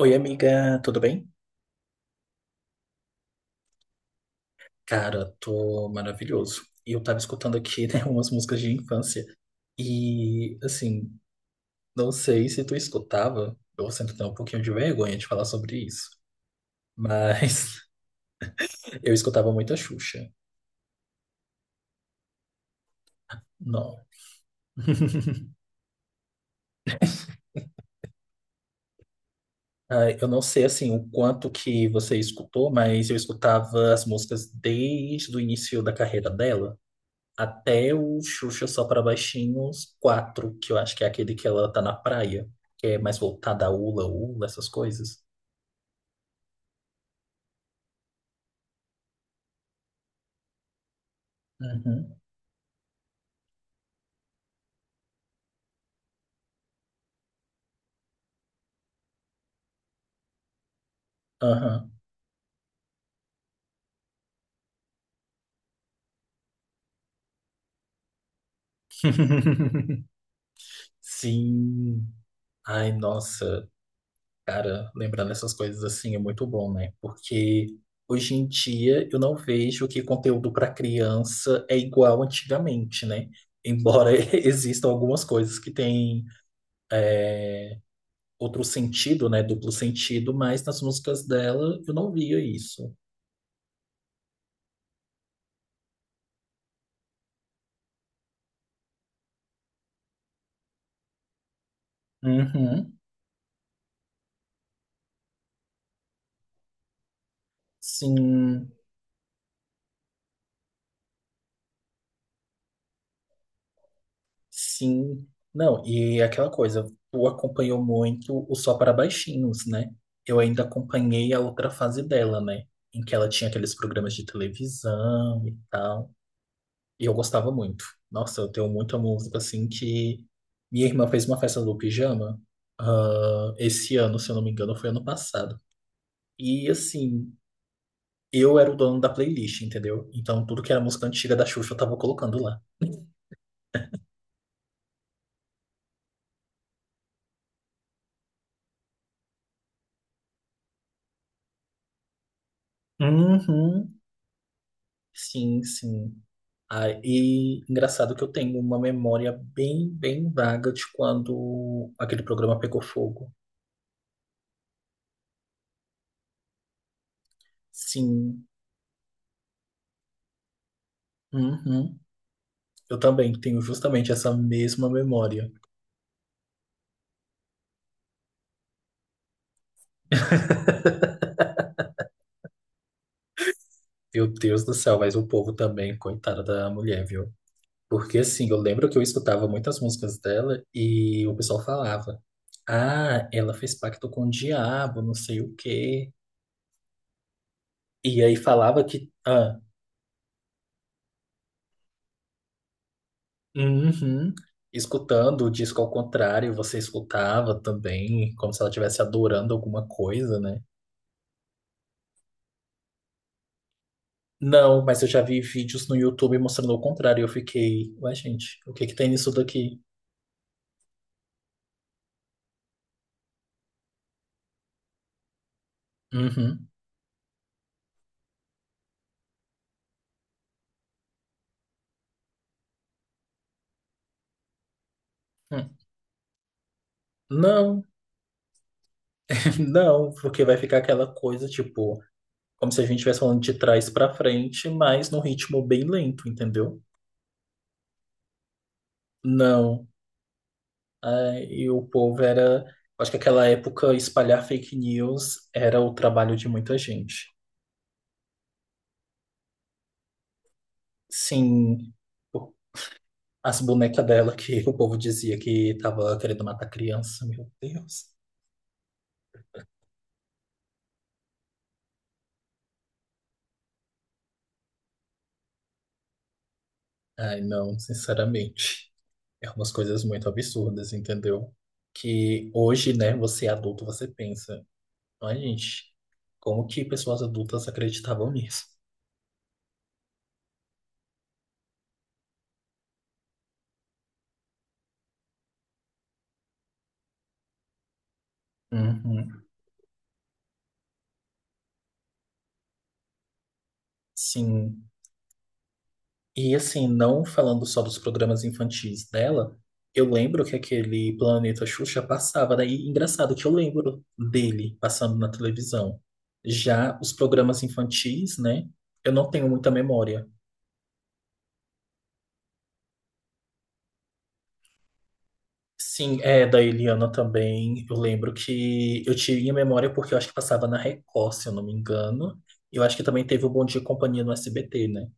Oi, amiga, tudo bem? Cara, tô maravilhoso. E eu tava escutando aqui, né, umas músicas de infância. E, assim, não sei se tu escutava, eu sinto até um pouquinho de vergonha de falar sobre isso, mas eu escutava muita Xuxa. Não. Ah, eu não sei, assim, o quanto que você escutou, mas eu escutava as músicas desde o início da carreira dela. Até o Xuxa Só Pra Baixinhos 4, que eu acho que é aquele que ela tá na praia, que é mais voltada a Ula Ula, essas coisas. Uhum. Aham. Sim. Ai, nossa, cara, lembrando essas coisas assim é muito bom, né? Porque hoje em dia eu não vejo que conteúdo para criança é igual antigamente, né? Embora existam algumas coisas que têm outro sentido, né? Duplo sentido, mas nas músicas dela eu não via isso. Uhum. Sim, sim. Não, e aquela coisa, tu acompanhou muito o Só para Baixinhos, né? Eu ainda acompanhei a outra fase dela, né? Em que ela tinha aqueles programas de televisão e tal. E eu gostava muito. Nossa, eu tenho muita música assim que. Minha irmã fez uma festa do pijama, ah, esse ano, se eu não me engano, foi ano passado. E assim, eu era o dono da playlist, entendeu? Então tudo que era música antiga da Xuxa eu tava colocando lá. Uhum. Sim, sim. Ah, e engraçado que eu tenho uma memória bem, bem vaga de quando aquele programa pegou fogo. Sim. Uhum. Eu também tenho justamente essa mesma memória. Meu Deus do céu, mas o povo também, coitada da mulher, viu? Porque assim, eu lembro que eu escutava muitas músicas dela e o pessoal falava: ah, ela fez pacto com o diabo, não sei o quê. E aí falava que. Ah, uhum. Escutando o disco ao contrário, você escutava também, como se ela estivesse adorando alguma coisa, né? Não, mas eu já vi vídeos no YouTube mostrando o contrário. E eu fiquei, ué, gente, o que que tem nisso daqui? Uhum. Hum. Não, não, porque vai ficar aquela coisa tipo, como se a gente estivesse falando de trás pra frente, mas num ritmo bem lento, entendeu? Não. Ah, e o povo era. Acho que aquela época espalhar fake news era o trabalho de muita gente. Sim, as bonecas dela que o povo dizia que tava querendo matar criança, meu Deus. Ai, não, sinceramente. É umas coisas muito absurdas, entendeu? Que hoje, né, você é adulto, você pensa, ai, gente, como que pessoas adultas acreditavam nisso? Uhum, sim. E assim, não falando só dos programas infantis dela, eu lembro que aquele Planeta Xuxa passava, daí engraçado que eu lembro dele passando na televisão. Já os programas infantis, né? Eu não tenho muita memória. Sim, é da Eliana também. Eu lembro que eu tinha memória porque eu acho que passava na Record, se eu não me engano. E eu acho que também teve o Bom Dia e Companhia no SBT, né?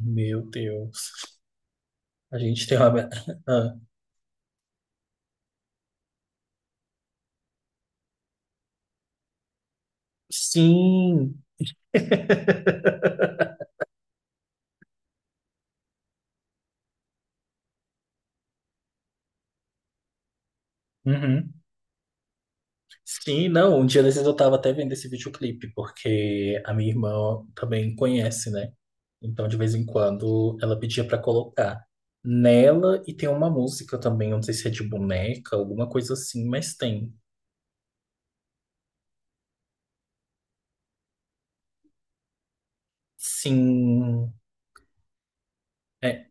Meu Deus. A gente tem uma. Ah, sim. Uhum. Sim, não, um dia desses eu tava até vendo esse videoclipe, porque a minha irmã também conhece, né? Então, de vez em quando, ela pedia pra colocar. Nela, e tem uma música também, eu não sei se é de boneca, alguma coisa assim, mas tem. Sim, é,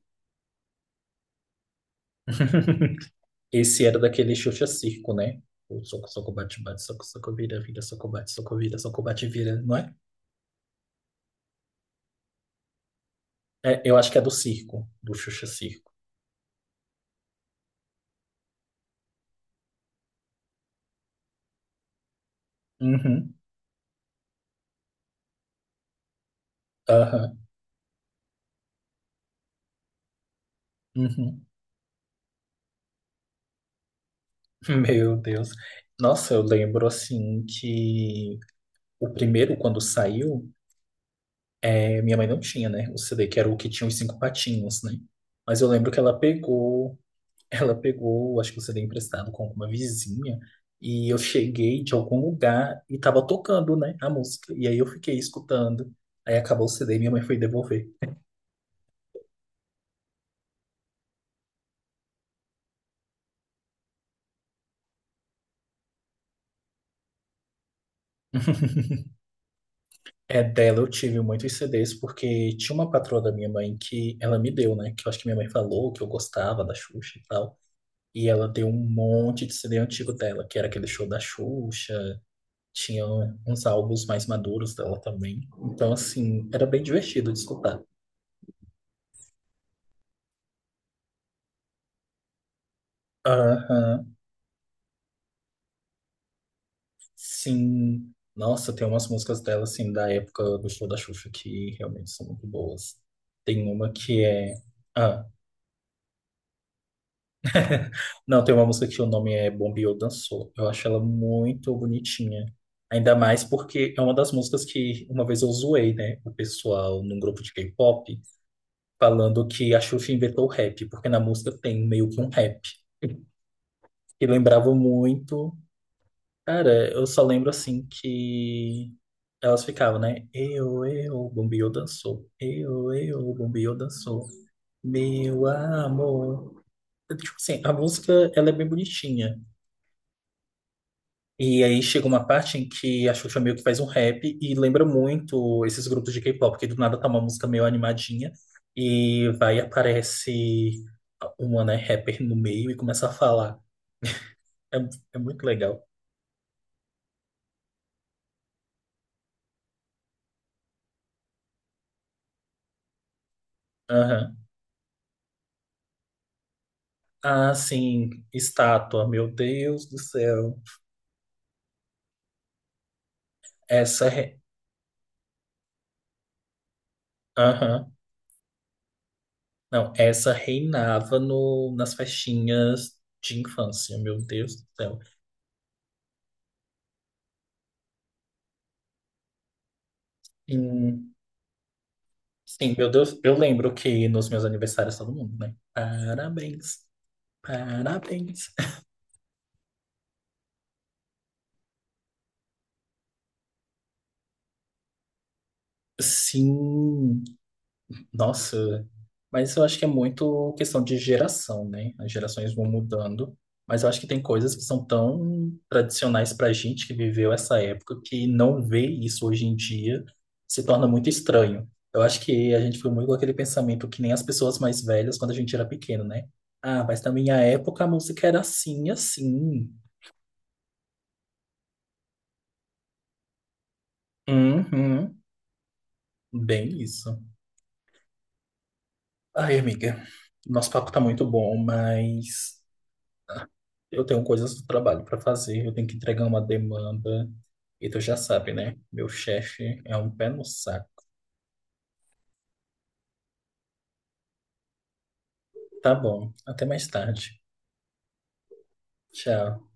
esse era daquele Xuxa Circo, né? O soco, soco, bate, bate, soco, soco, vira, vira, soco, bate, soco, vira, soco, bate, vira, não é? É, eu acho que é do circo, do Xuxa Circo. Uhum, aham, uhum. Meu Deus. Nossa, eu lembro assim que o primeiro, quando saiu, é, minha mãe não tinha, né? O CD, que era o que tinha os cinco patinhos, né? Mas eu lembro que ela pegou, ela pegou, acho que o CD emprestado com alguma vizinha, e eu cheguei de algum lugar e tava tocando, né, a música. E aí eu fiquei escutando. Aí acabou o CD e minha mãe foi devolver. É, dela eu tive muitos CDs, porque tinha uma patroa da minha mãe que ela me deu, né? Que eu acho que minha mãe falou que eu gostava da Xuxa e tal. E ela tem um monte de CD antigo dela, que era aquele show da Xuxa, tinha uns álbuns mais maduros dela também. Então, assim, era bem divertido de escutar. Aham, sim. Nossa, tem umas músicas dela, assim, da época do show da Xuxa que realmente são muito boas. Tem uma que é. Ah, não, tem uma música que o nome é Bombeou Dançou. Eu acho ela muito bonitinha. Ainda mais porque é uma das músicas que uma vez eu zoei, né? O pessoal num grupo de K-pop falando que a Xuxa inventou o rap, porque na música tem meio que um rap. E lembrava muito. Cara, eu só lembro assim que elas ficavam, né? Eu, Bombio dançou. Eu, Bombio dançou. Meu amor. Tipo assim, a música ela é bem bonitinha. E aí chega uma parte em que a Xuxa meio que faz um rap e lembra muito esses grupos de K-pop, porque do nada tá uma música meio animadinha e vai e aparece uma, né, rapper no meio e começa a falar. É, é muito legal. Aham. Ah, sim, estátua, meu Deus do céu. Essa, aham. Não, essa reinava no, nas festinhas de infância, meu Deus do céu. Em Sim, meu Deus, eu lembro que nos meus aniversários todo mundo, né? Parabéns, parabéns. Sim, nossa, mas eu acho que é muito questão de geração, né? As gerações vão mudando, mas eu acho que tem coisas que são tão tradicionais pra gente que viveu essa época que não ver isso hoje em dia se torna muito estranho. Eu acho que a gente foi muito com aquele pensamento que nem as pessoas mais velhas quando a gente era pequeno, né? Ah, mas na minha época a música era assim, assim. Uhum, bem isso. Ai, amiga, nosso papo tá muito bom, mas eu tenho coisas do trabalho para fazer, eu tenho que entregar uma demanda, e tu já sabe, né? Meu chefe é um pé no saco. Tá bom, até mais tarde. Tchau.